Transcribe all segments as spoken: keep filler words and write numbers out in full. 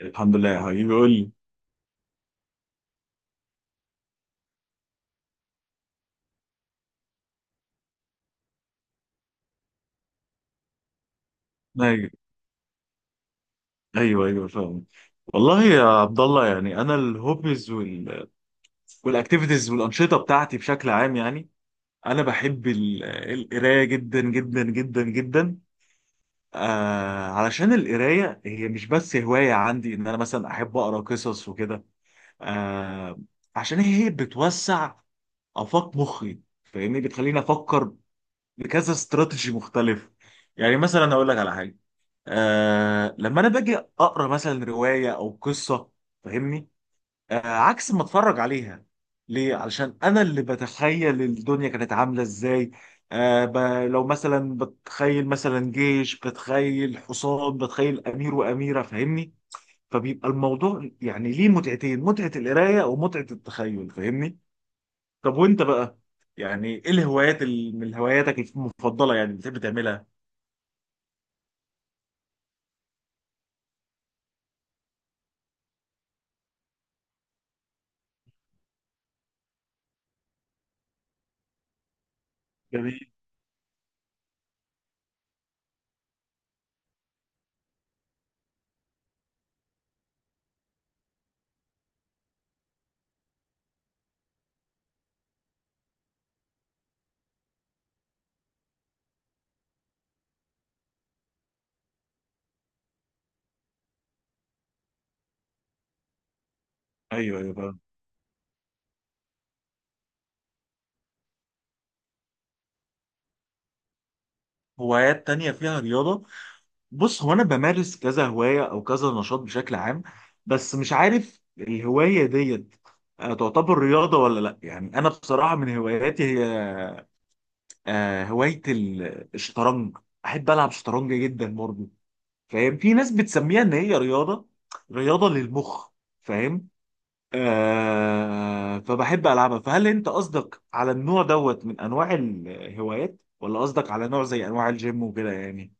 الحمد لله يا حبيبي، قول لي. أيوه، أيوه، أيوه، فاهم. والله يا عبد الله، يعني أنا الهوبيز وال... والأكتيفيتيز والأنشطة بتاعتي بشكل عام، يعني أنا بحب ال- القراية جدا جدا جدا جدا. آه علشان القراية هي مش بس هواية عندي إن أنا مثلا أحب أقرأ قصص وكده. آه عشان هي بتوسع آفاق مخي، فاهمني؟ بتخليني أفكر بكذا استراتيجي مختلف. يعني مثلا أقول لك على حاجة. آه لما انا باجي اقرا مثلا روايه او قصه، فاهمني؟ آه عكس ما اتفرج عليها. ليه؟ علشان انا اللي بتخيل الدنيا كانت عامله ازاي. آه ب... لو مثلا بتخيل مثلا جيش، بتخيل حصان، بتخيل امير واميره، فاهمني؟ فبيبقى الموضوع يعني ليه متعتين، متعه القرايه ومتعه التخيل، فاهمني؟ طب وانت بقى، يعني ايه الهوايات ال... من هواياتك المفضله يعني بتحب تعملها؟ جميل. ايوه، ايوه، فاهم. هوايات تانية فيها رياضة؟ بص، هو انا بمارس كذا هوايه او كذا نشاط بشكل عام، بس مش عارف الهوايه ديت آه، تعتبر رياضه ولا لا. يعني انا بصراحه من هواياتي هي آه، هوايه ال- الشطرنج. احب العب شطرنج جدا برضه. فاهم؟ في ناس بتسميها ان هي رياضه، رياضه للمخ، فاهم؟ آه، فبحب العبها. فهل انت قصدك على النوع دوت من انواع الهوايات، ولا قصدك على نوع زي انواع الجيم وكده يعني؟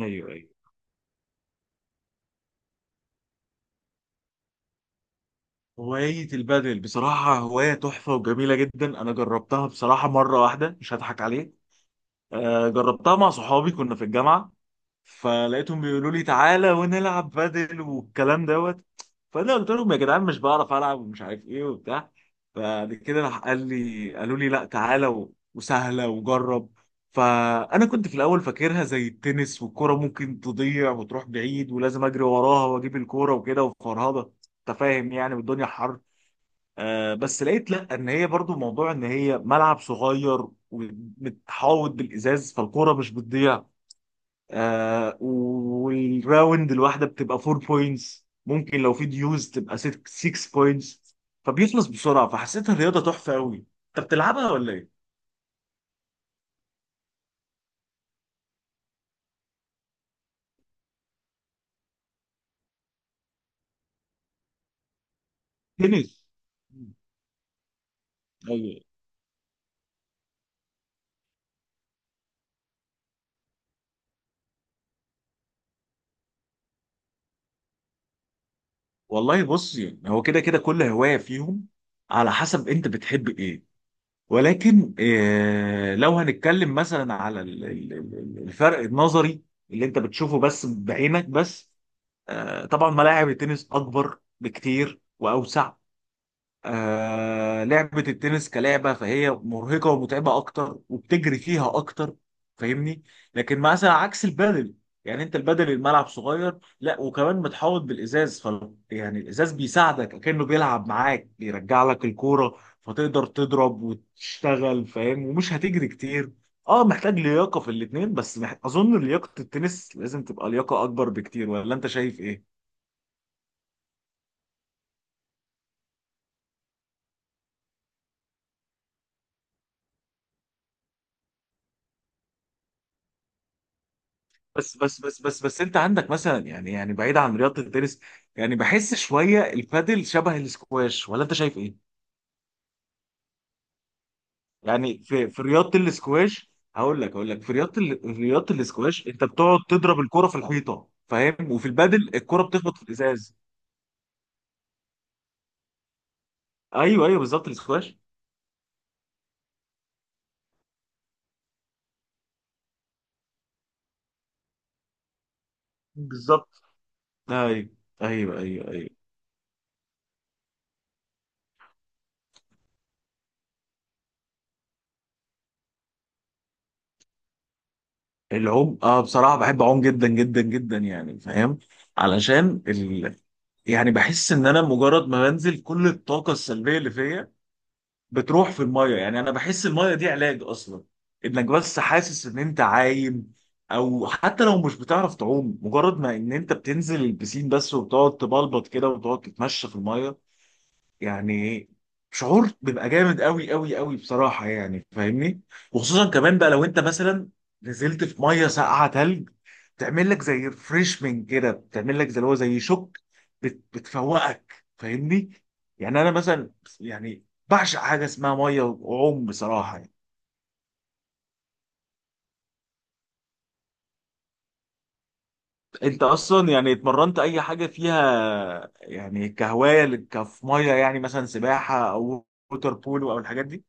ايوه، ايوه. هواية البادل بصراحة هواية تحفة وجميلة جدا. أنا جربتها بصراحة مرة واحدة، مش هضحك عليك. آه، جربتها مع صحابي كنا في الجامعة. فلقيتهم بيقولوا لي تعالى ونلعب بادل والكلام دوت. فأنا قلت لهم يا جدعان مش بعرف ألعب ومش عارف إيه وبتاع. فبعد كده راح قال لي، قالوا لي لا تعالى و- وسهلة وجرب. فأنا كنت في الأول فاكرها زي التنس والكرة ممكن تضيع وتروح بعيد ولازم أجري وراها وأجيب الكورة وكده وفرهضة، أنت فاهم يعني، والدنيا حر. آه، بس لقيت لا، ان هي برضو موضوع ان هي ملعب صغير ومتحوط بالازاز، فالكوره مش بتضيع. آه، والراوند الواحده بتبقى أربعة بوينتس، ممكن لو في ديوز تبقى ستة بوينتس، فبيخلص بسرعه. فحسيتها الرياضه تحفه قوي. انت بتلعبها ولا ايه؟ تنس. مم. ايوه. والله بص، يعني هو كده كده كل هوايه فيهم على حسب انت بتحب ايه. ولكن آه، لو هنتكلم مثلا على ال- ال- ال- الفرق النظري اللي انت بتشوفه بس بعينك بس. آه، طبعا ملاعب التنس اكبر بكتير واوسع. آه، لعبة التنس كلعبة فهي مرهقة ومتعبة أكتر وبتجري فيها أكتر، فاهمني؟ لكن مثلا عكس البادل، يعني أنت البادل الملعب صغير لا، وكمان متحوط بالإزاز ف يعني الإزاز بيساعدك كأنه بيلعب معاك، بيرجع لك الكورة، فتقدر تضرب وتشتغل، فاهم؟ ومش هتجري كتير. اه، محتاج لياقة في الاتنين، بس مح... أظن لياقة التنس لازم تبقى لياقة أكبر بكتير، ولا أنت شايف إيه؟ بس بس بس بس بس، انت عندك مثلا، يعني يعني بعيد عن رياضه التنس، يعني بحس شويه البادل شبه الاسكواش، ولا انت شايف ايه؟ يعني في في رياضه الاسكواش. هقول لك، هقول لك في رياضه ال- في رياضه الاسكواش انت بتقعد تضرب الكره في الحيطه، فاهم؟ وفي البادل الكره بتخبط في الازاز. ايوه، ايوه، بالظبط الاسكواش. بالظبط، ايوه، ايوه، ايوه، ايوه. العوم؟ اه، بصراحه بحب اعوم جدا جدا جدا، يعني فاهم؟ علشان ال... يعني بحس ان انا مجرد ما بنزل كل الطاقه السلبيه اللي فيا بتروح في الميه. يعني انا بحس الميه دي علاج اصلا، انك بس حاسس ان انت عايم. او حتى لو مش بتعرف تعوم، مجرد ما ان انت بتنزل البسين بس وبتقعد تبلبط كده وتقعد تتمشى في الميه، يعني شعور بيبقى جامد قوي قوي قوي بصراحة، يعني فاهمني. وخصوصا كمان بقى لو انت مثلا نزلت في مية ساقعة تلج، تعمل لك زي ريفريشمنت كده، بتعمل لك زي اللي هو زي شوك، بت بتفوقك، فاهمني. يعني انا مثلا يعني بعشق حاجة اسمها مية وعوم بصراحة، يعني. انت اصلا يعني اتمرنت اي حاجة فيها يعني كهواية لك- كف مية، يعني مثلا سباحة او ووتر بولو او الحاجات دي؟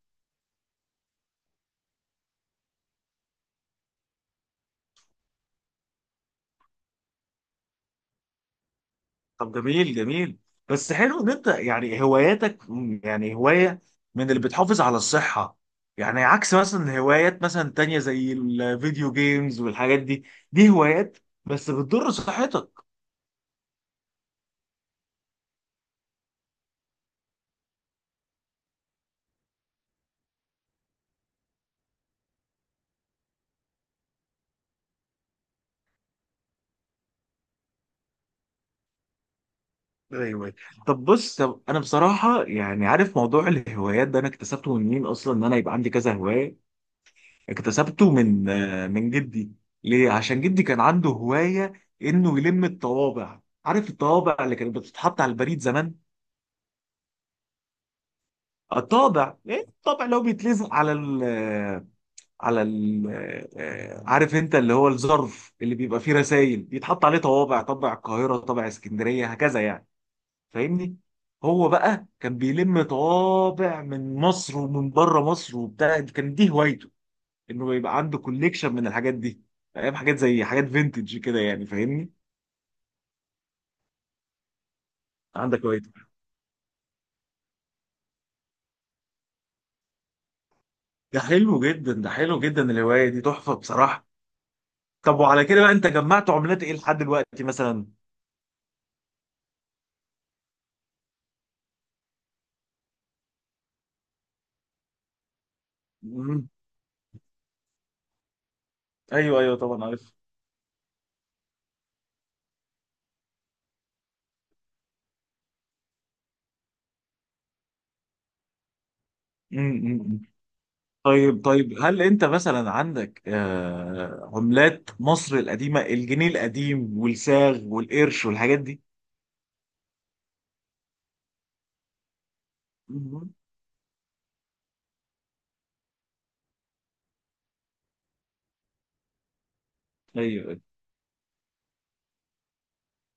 طب جميل جميل. بس حلو ان انت يعني هواياتك م- يعني هواية من اللي بتحافظ على الصحة، يعني عكس مثلا هوايات مثلا تانية زي الفيديو جيمز والحاجات دي، دي هوايات بس بتضر صحتك. ايوه. طب بص، طب انا بصراحة يعني عارف موضوع الهوايات ده انا اكتسبته من مين اصلا ان انا يبقى عندي كذا هواية؟ اكتسبته من آه، من جدي. ليه؟ عشان جدي كان عنده هواية انه يلم الطوابع، عارف الطوابع اللي كانت بتتحط على البريد زمان؟ الطابع، ايه الطابع اللي هو بيتلزق على ال على ال آه، عارف انت اللي هو الظرف اللي بيبقى فيه رسائل، بيتحط عليه طوابع، طابع القاهرة، طابع اسكندرية، هكذا يعني، فاهمني؟ هو بقى كان بيلم طوابع من مصر ومن بره مصر وبتاع، كان دي هوايته، انه يبقى عنده كوليكشن من الحاجات دي، فاهم؟ حاجات زي حاجات فينتج كده يعني، فاهمني. عندك هوايته؟ ده حلو جدا، ده حلو جدا، الهواية دي تحفة بصراحة. طب وعلى كده بقى، انت جمعت عملات ايه لحد دلوقتي مثلا؟ مم. ايوه، ايوه، طبعا عارف. مم، مم. مم. طيب طيب، هل انت مثلا عندك آه، عملات مصر القديمه، الجنيه القديم والساغ والقرش والحاجات دي؟ مم. ايوه، أيوة.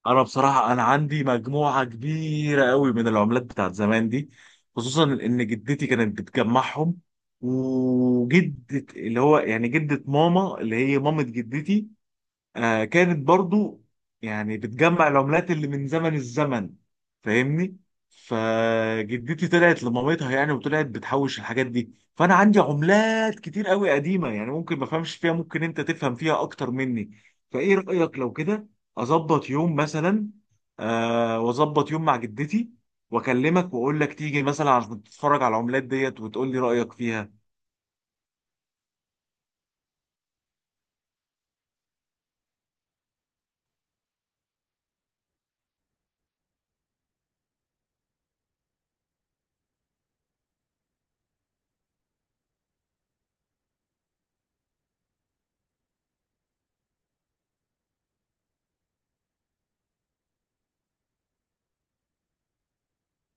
انا بصراحه انا عندي مجموعه كبيره قوي من العملات بتاعت زمان دي، خصوصا ان جدتي كانت بتجمعهم. وجدة اللي هو يعني جدة ماما، اللي هي مامة جدتي، آه كانت برضو يعني بتجمع العملات اللي من زمن الزمن، فاهمني. فجدتي طلعت لمامتها يعني، وطلعت بتحوش الحاجات دي. فانا عندي عملات كتير قوي قديمه، يعني ممكن ما افهمش فيها، ممكن انت تفهم فيها اكتر مني. فايه رايك لو كده اظبط يوم مثلا، آه واظبط يوم مع جدتي، واكلمك واقول لك تيجي مثلا عشان تتفرج على العملات ديت وتقول لي رايك فيها؟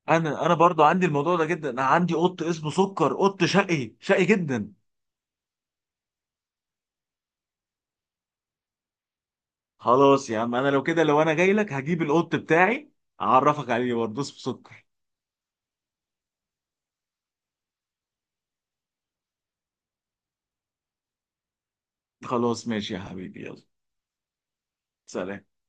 انا انا برضو عندي الموضوع ده جدا. انا عندي قط اسمه سكر، قط شقي شقي جدا. خلاص يا عم، انا لو كده، لو انا جاي لك هجيب القط بتاعي، اعرفك عليه برضه، بس بسكر. خلاص ماشي يا حبيبي، يلا. سلام.